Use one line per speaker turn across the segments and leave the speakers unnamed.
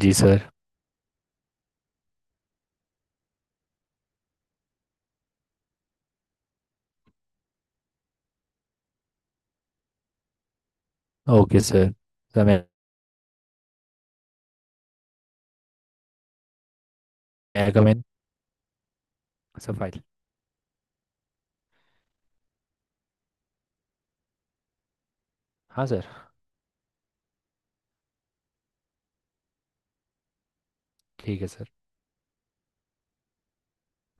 जी sir. Okay sir. Sir मैं... come in. Sir file. हाँ sir. ठीक है सर।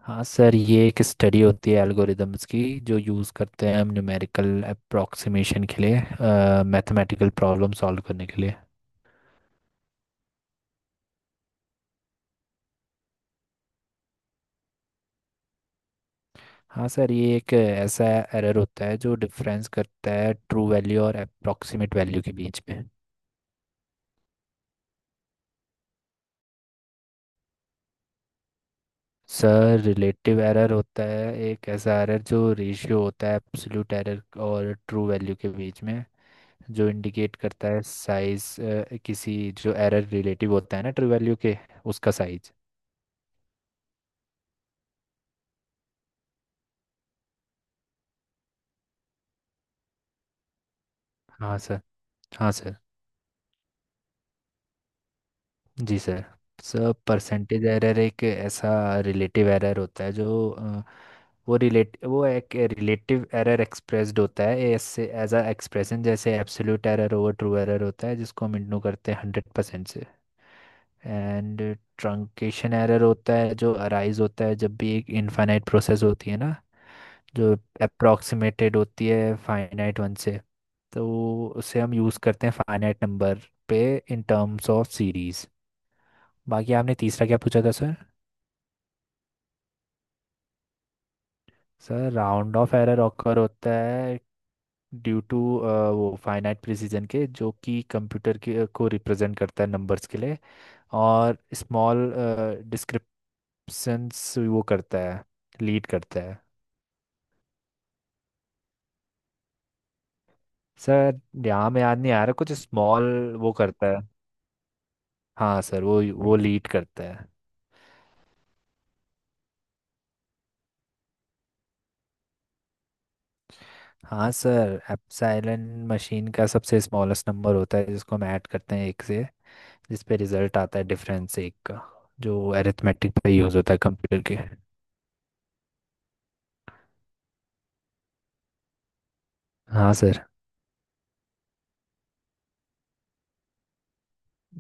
हाँ सर, ये एक स्टडी होती है एल्गोरिदम्स की जो यूज़ करते हैं हम न्यूमेरिकल अप्रोक्सीमेशन के लिए, मैथमेटिकल प्रॉब्लम सॉल्व करने के लिए। हाँ सर, ये एक ऐसा एरर होता है जो डिफरेंस करता है ट्रू वैल्यू और अप्रोक्सीमेट वैल्यू के बीच में। सर रिलेटिव एरर होता है एक ऐसा एरर जो रेशियो होता है एब्सोल्यूट एरर और ट्रू वैल्यू के बीच में, जो इंडिकेट करता है साइज किसी, जो एरर रिलेटिव होता है ना ट्रू वैल्यू के, उसका साइज। हाँ सर। हाँ सर। जी सर। सर परसेंटेज एरर एक ऐसा रिलेटिव एरर होता है जो वो एक रिलेटिव एरर एक्सप्रेस्ड होता है ऐसे एज अ एक्सप्रेशन, जैसे absolute error over true error होता है जिसको हम इंटू करते हैं 100% से। एंड ट्रंकेशन एरर होता है जो अराइज होता है जब भी एक इनफाइनाइट प्रोसेस होती है ना, जो अप्रोक्सीमेटेड होती है फाइनाइट वन से। तो उसे हम यूज़ करते हैं फाइनाइट नंबर पे, इन टर्म्स ऑफ सीरीज। बाकी आपने तीसरा क्या पूछा था sir? Sir round off error occur होता है ड्यू टू वो फाइनाइट प्रिसीजन के, जो कि कंप्यूटर के को रिप्रेजेंट करता है नंबर्स के लिए, और स्मॉल डिस्क्रिप्शंस वो करता है, लीड करता है। सर यहाँ में याद नहीं आ रहा, कुछ स्मॉल वो करता है। हाँ सर वो लीड करता है। हाँ सर एप्सिलॉन मशीन का सबसे स्मॉलेस्ट नंबर होता है जिसको हम ऐड करते हैं एक से, जिस पे रिजल्ट आता है डिफरेंस एक का, जो अरिथमेटिक पे यूज़ होता है कंप्यूटर के। हाँ सर।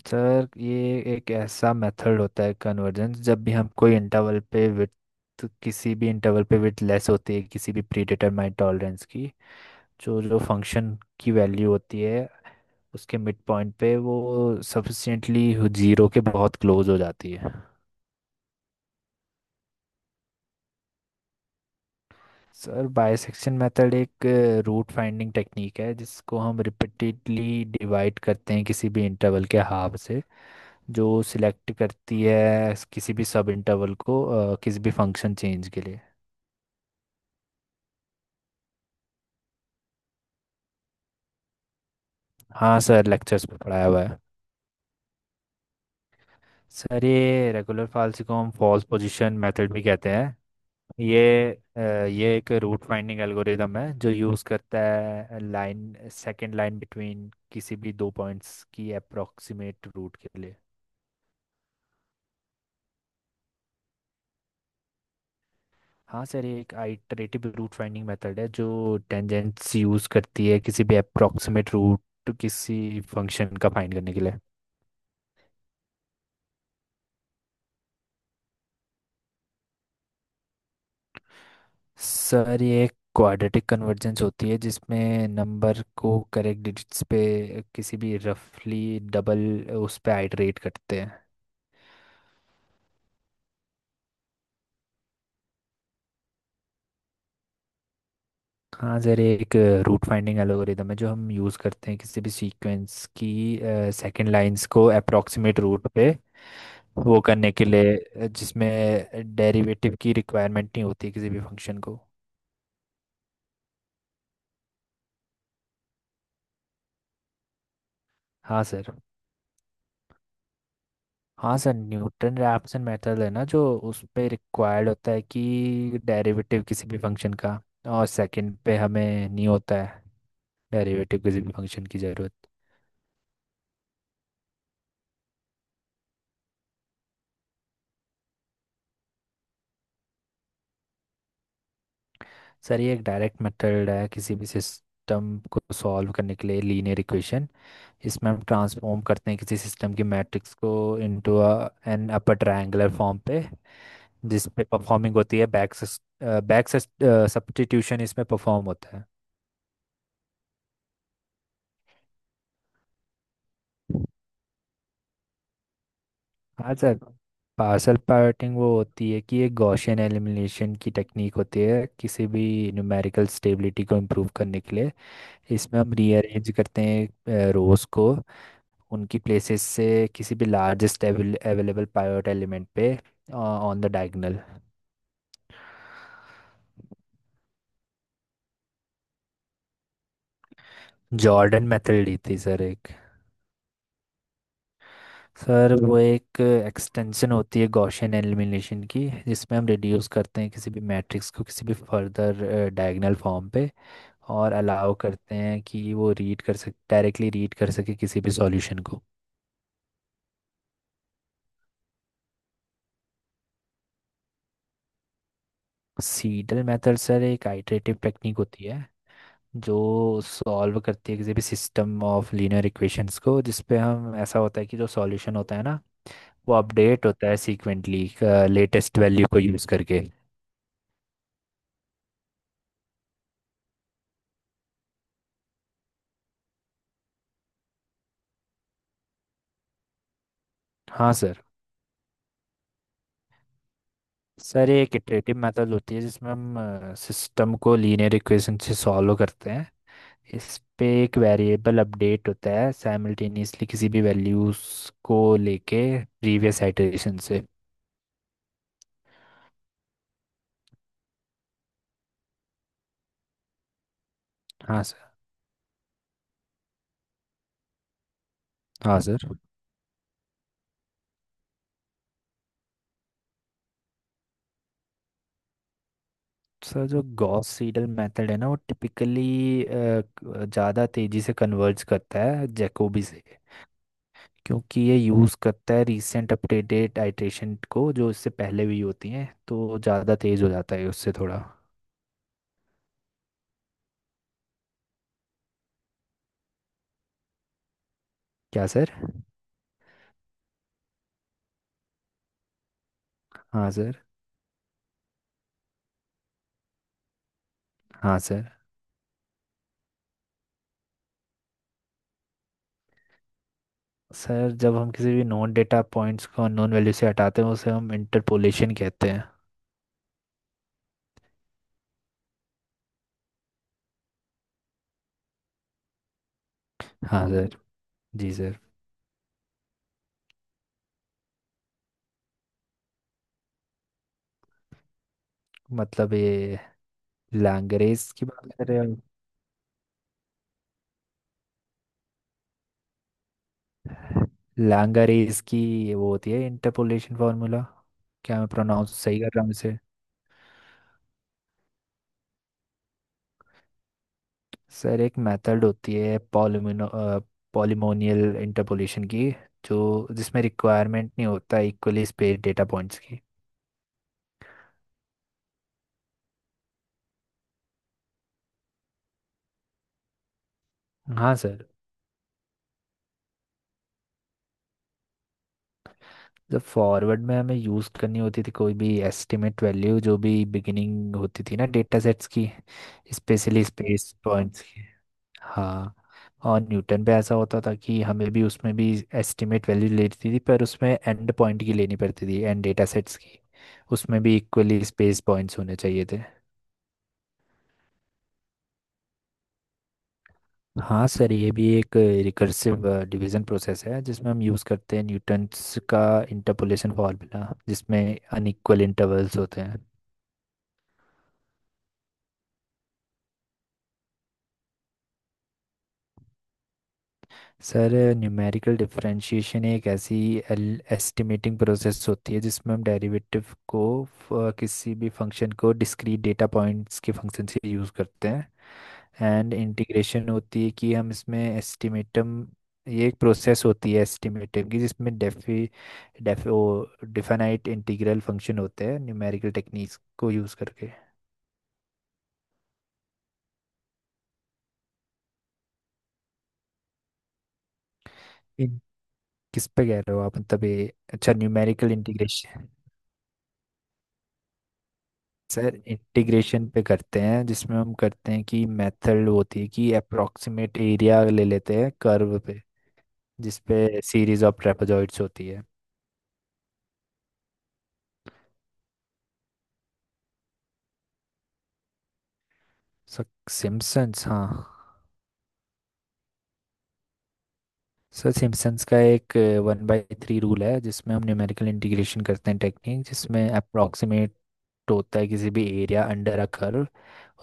सर ये एक ऐसा मेथड होता है कन्वर्जेंस, जब भी हम कोई इंटरवल पे विड्थ, किसी भी इंटरवल पे विड्थ लेस होती है किसी भी प्रीडिटरमाइंड टॉलरेंस की, जो जो फंक्शन की वैल्यू होती है उसके मिड पॉइंट पे, वो सफिशिएंटली जीरो के बहुत क्लोज हो जाती है। सर बाइसेक्शन मेथड एक रूट फाइंडिंग टेक्निक है जिसको हम रिपीटेडली डिवाइड करते हैं किसी भी इंटरवल के हाफ से, जो सिलेक्ट करती है किसी भी सब इंटरवल को किसी भी फंक्शन चेंज के लिए। हाँ सर, लेक्चर्स में पढ़ाया हुआ है। सर ये रेगुलर फाल्स को हम फॉल्स पोजीशन मेथड भी कहते हैं। ये ये एक रूट फाइंडिंग एल्गोरिदम है जो यूज़ करता है लाइन सेकंड लाइन बिटवीन किसी भी दो पॉइंट्स की अप्रोक्सीमेट रूट के लिए। हाँ सर ये एक आइटरेटिव रूट फाइंडिंग मेथड है जो टेंजेंट्स यूज़ करती है किसी भी अप्रोक्सीमेट रूट किसी फंक्शन का फाइंड करने के लिए। सर ये एक क्वाड्रेटिक कन्वर्जेंस होती है जिसमें नंबर को करेक्ट डिजिट्स पे किसी भी रफली डबल उस पे आइटरेट करते हैं। हाँ सर ये एक रूट फाइंडिंग एल्गोरिदम है जो हम यूज़ करते हैं किसी भी सीक्वेंस की सेकंड लाइंस को अप्रोक्सीमेट रूट पे वो करने के लिए, जिसमें डेरिवेटिव की रिक्वायरमेंट नहीं होती किसी भी फंक्शन को। हाँ सर। हाँ सर न्यूटन रैप्सन मेथड है ना जो उस पे रिक्वायर्ड होता है कि डेरिवेटिव किसी भी फंक्शन का, और सेकंड पे हमें नहीं होता है डेरिवेटिव किसी भी फंक्शन की ज़रूरत। सर ये एक डायरेक्ट मेथड है किसी भी सिस्टम को सॉल्व करने के लिए लीनियर इक्वेशन। इसमें हम ट्रांसफॉर्म करते हैं किसी सिस्टम की मैट्रिक्स को into an upper triangular form पे, जिस पे परफॉर्मिंग होती है बैक बैक सब्स्टिट्यूशन, इसमें परफॉर्म होता है। हाँ सर पार्सल पार्टिंग वो होती है कि एक गॉसियन एलिमिनेशन की टेक्निक होती है किसी भी न्यूमेरिकल स्टेबिलिटी को इम्प्रूव करने के लिए। इसमें हम रीअरेंज करते हैं रोज को उनकी प्लेसेस से, किसी भी लार्जेस्ट अवेलेबल पाइवट एलिमेंट पे on the diagonal. Jordan method ली थी सर एक। सर वो एक एक्सटेंशन होती है गॉसियन एलिमिनेशन की, जिसमें हम रिड्यूस करते हैं किसी भी मैट्रिक्स को किसी भी फर्दर डायगोनल फॉर्म पे, और अलाउ करते हैं कि वो रीड कर सक डायरेक्टली रीड कर सके किसी भी सॉल्यूशन को। सीडल मेथड सर एक आइटरेटिव टेक्निक होती है जो सॉल्व करती है किसी भी सिस्टम ऑफ लीनियर इक्वेशंस को, जिसपे हम, ऐसा होता है कि जो सॉल्यूशन होता है ना, वो अपडेट होता है सीक्वेंटली, लेटेस्ट वैल्यू को यूज़ करके। हाँ सर। सर ये एक इटरेटिव मेथड होती है जिसमें हम सिस्टम को लीनियर इक्वेशन से सॉल्व करते हैं। इस पे एक वेरिएबल अपडेट होता है साइमल्टेनियसली, किसी भी वैल्यूज को लेके प्रीवियस आइटरेशन से। हाँ सर। हाँ सर। सर जो गॉस सीडल मेथड है ना, वो टिपिकली ज़्यादा तेजी से कन्वर्ज करता है जैकोबी से। क्योंकि ये यूज़ करता है रीसेंट अपडेटेड आइटरेशन को जो इससे पहले भी होती हैं, तो ज़्यादा तेज़ हो जाता है उससे थोड़ा। क्या सर? हाँ सर। हाँ सर। सर जब हम किसी भी नॉन डेटा पॉइंट्स को अननोन वैल्यू से हटाते हैं, उसे हम इंटरपोलेशन कहते हैं। हाँ सर। जी सर। मतलब ये लैंगरेज की बात कर रहे हो आप? लैंगरेज की वो होती है इंटरपोलेशन फार्मूला। क्या मैं प्रोनाउंस सही कर रहा हूँ इसे? सर एक मेथड होती है पॉलिमिनो पॉलिमोनियल इंटरपोलेशन की, जो जिसमें रिक्वायरमेंट नहीं होता इक्वली स्पेस डेटा पॉइंट्स की। हाँ सर। जब फॉरवर्ड में हमें यूज़ करनी होती थी कोई भी एस्टिमेट वैल्यू, जो भी बिगिनिंग होती थी ना डेटा सेट्स की, स्पेशली स्पेस पॉइंट्स की। हाँ। और न्यूटन पे ऐसा होता था कि हमें भी, उसमें भी एस्टिमेट वैल्यू लेती थी, पर उसमें एंड पॉइंट की लेनी पड़ती थी एंड डेटा सेट्स की। उसमें भी इक्वली स्पेस पॉइंट्स होने चाहिए थे। हाँ सर ये भी एक रिकर्सिव डिवीजन प्रोसेस है जिसमें हम यूज़ करते हैं न्यूटन्स का इंटरपोलेशन फॉर्मूला, जिसमें अनइक्वल इंटरवल्स होते हैं। सर न्यूमेरिकल डिफरेंशिएशन एक ऐसी एस्टिमेटिंग प्रोसेस होती है जिसमें हम डेरिवेटिव को किसी भी फंक्शन को डिस्क्रीट डेटा पॉइंट्स के फंक्शन से यूज़ करते हैं। एंड इंटीग्रेशन होती है कि हम इसमें एस्टिमेटम ये एक प्रोसेस होती है एस्टिमेटिव की, जिसमें डेफी डेफ ओ डिफाइनाइट इंटीग्रल फंक्शन होते हैं न्यूमेरिकल टेक्निक्स को यूज़ करके। इन- किस पे कह रहे हो आप? मतलब ये, अच्छा, न्यूमेरिकल इंटीग्रेशन। सर इंटीग्रेशन पे करते हैं जिसमें हम करते हैं कि मेथड होती है कि अप्रोक्सीमेट एरिया ले लेते हैं कर्व पे, जिस पे सीरीज ऑफ ट्रेपेजॉइड्स होती है। सर सिम्पसन्स, हाँ। सर सिम्पसन्स का एक 1/3 रूल है जिसमें हम न्यूमेरिकल इंटीग्रेशन करते हैं, टेक्निक जिसमें अप्रोक्सीमेट होता है किसी भी एरिया अंडर अ कर्व,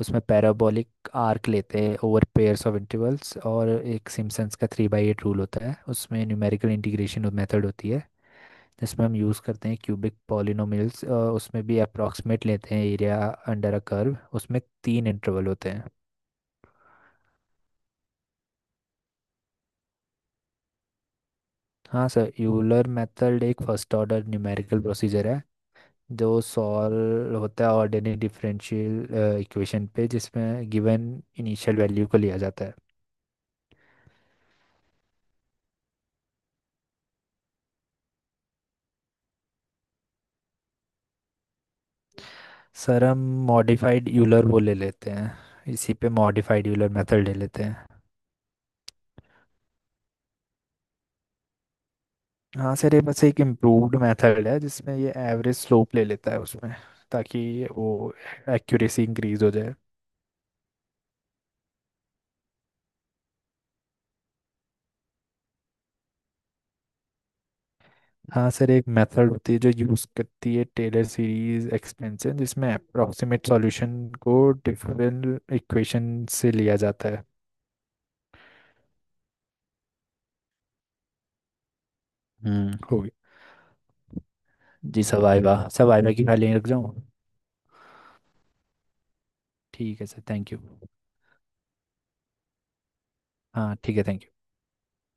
उसमें पैराबोलिक आर्क लेते हैं ओवर पेयर्स ऑफ इंटरवल्स। और एक सिम्पसन्स का 3/8 रूल होता है, उसमें न्यूमेरिकल इंटीग्रेशन मेथड होती है जिसमें हम यूज़ करते हैं क्यूबिक पॉलिनोमियल्स, उसमें भी अप्रॉक्सीमेट लेते हैं एरिया अंडर अ कर्व, उसमें तीन इंटरवल होते हैं। हाँ सर यूलर मेथड एक फर्स्ट ऑर्डर न्यूमेरिकल प्रोसीजर है जो सॉल्व होता है ऑर्डिनरी डिफरेंशियल इक्वेशन पे, जिसमें गिवन इनिशियल वैल्यू को लिया जाता है। सर हम मॉडिफाइड यूलर वो ले लेते हैं, इसी पे मॉडिफाइड यूलर मेथड ले लेते हैं। हाँ सर, ये बस एक इम्प्रूव्ड मेथड है जिसमें ये एवरेज स्लोप ले लेता है उसमें, ताकि वो एक्यूरेसी इंक्रीज हो जाए। हाँ सर एक मेथड होती है जो यूज़ करती है टेलर सीरीज एक्सपेंशन, जिसमें अप्रोक्सीमेट सॉल्यूशन को डिफरेंट इक्वेशन से लिया जाता है। हम्म, हो गया। जी सवाइवा सवाइवा की फाइलें रख जाऊँ? ठीक है सर, थैंक यू। हाँ ठीक है, थैंक यू।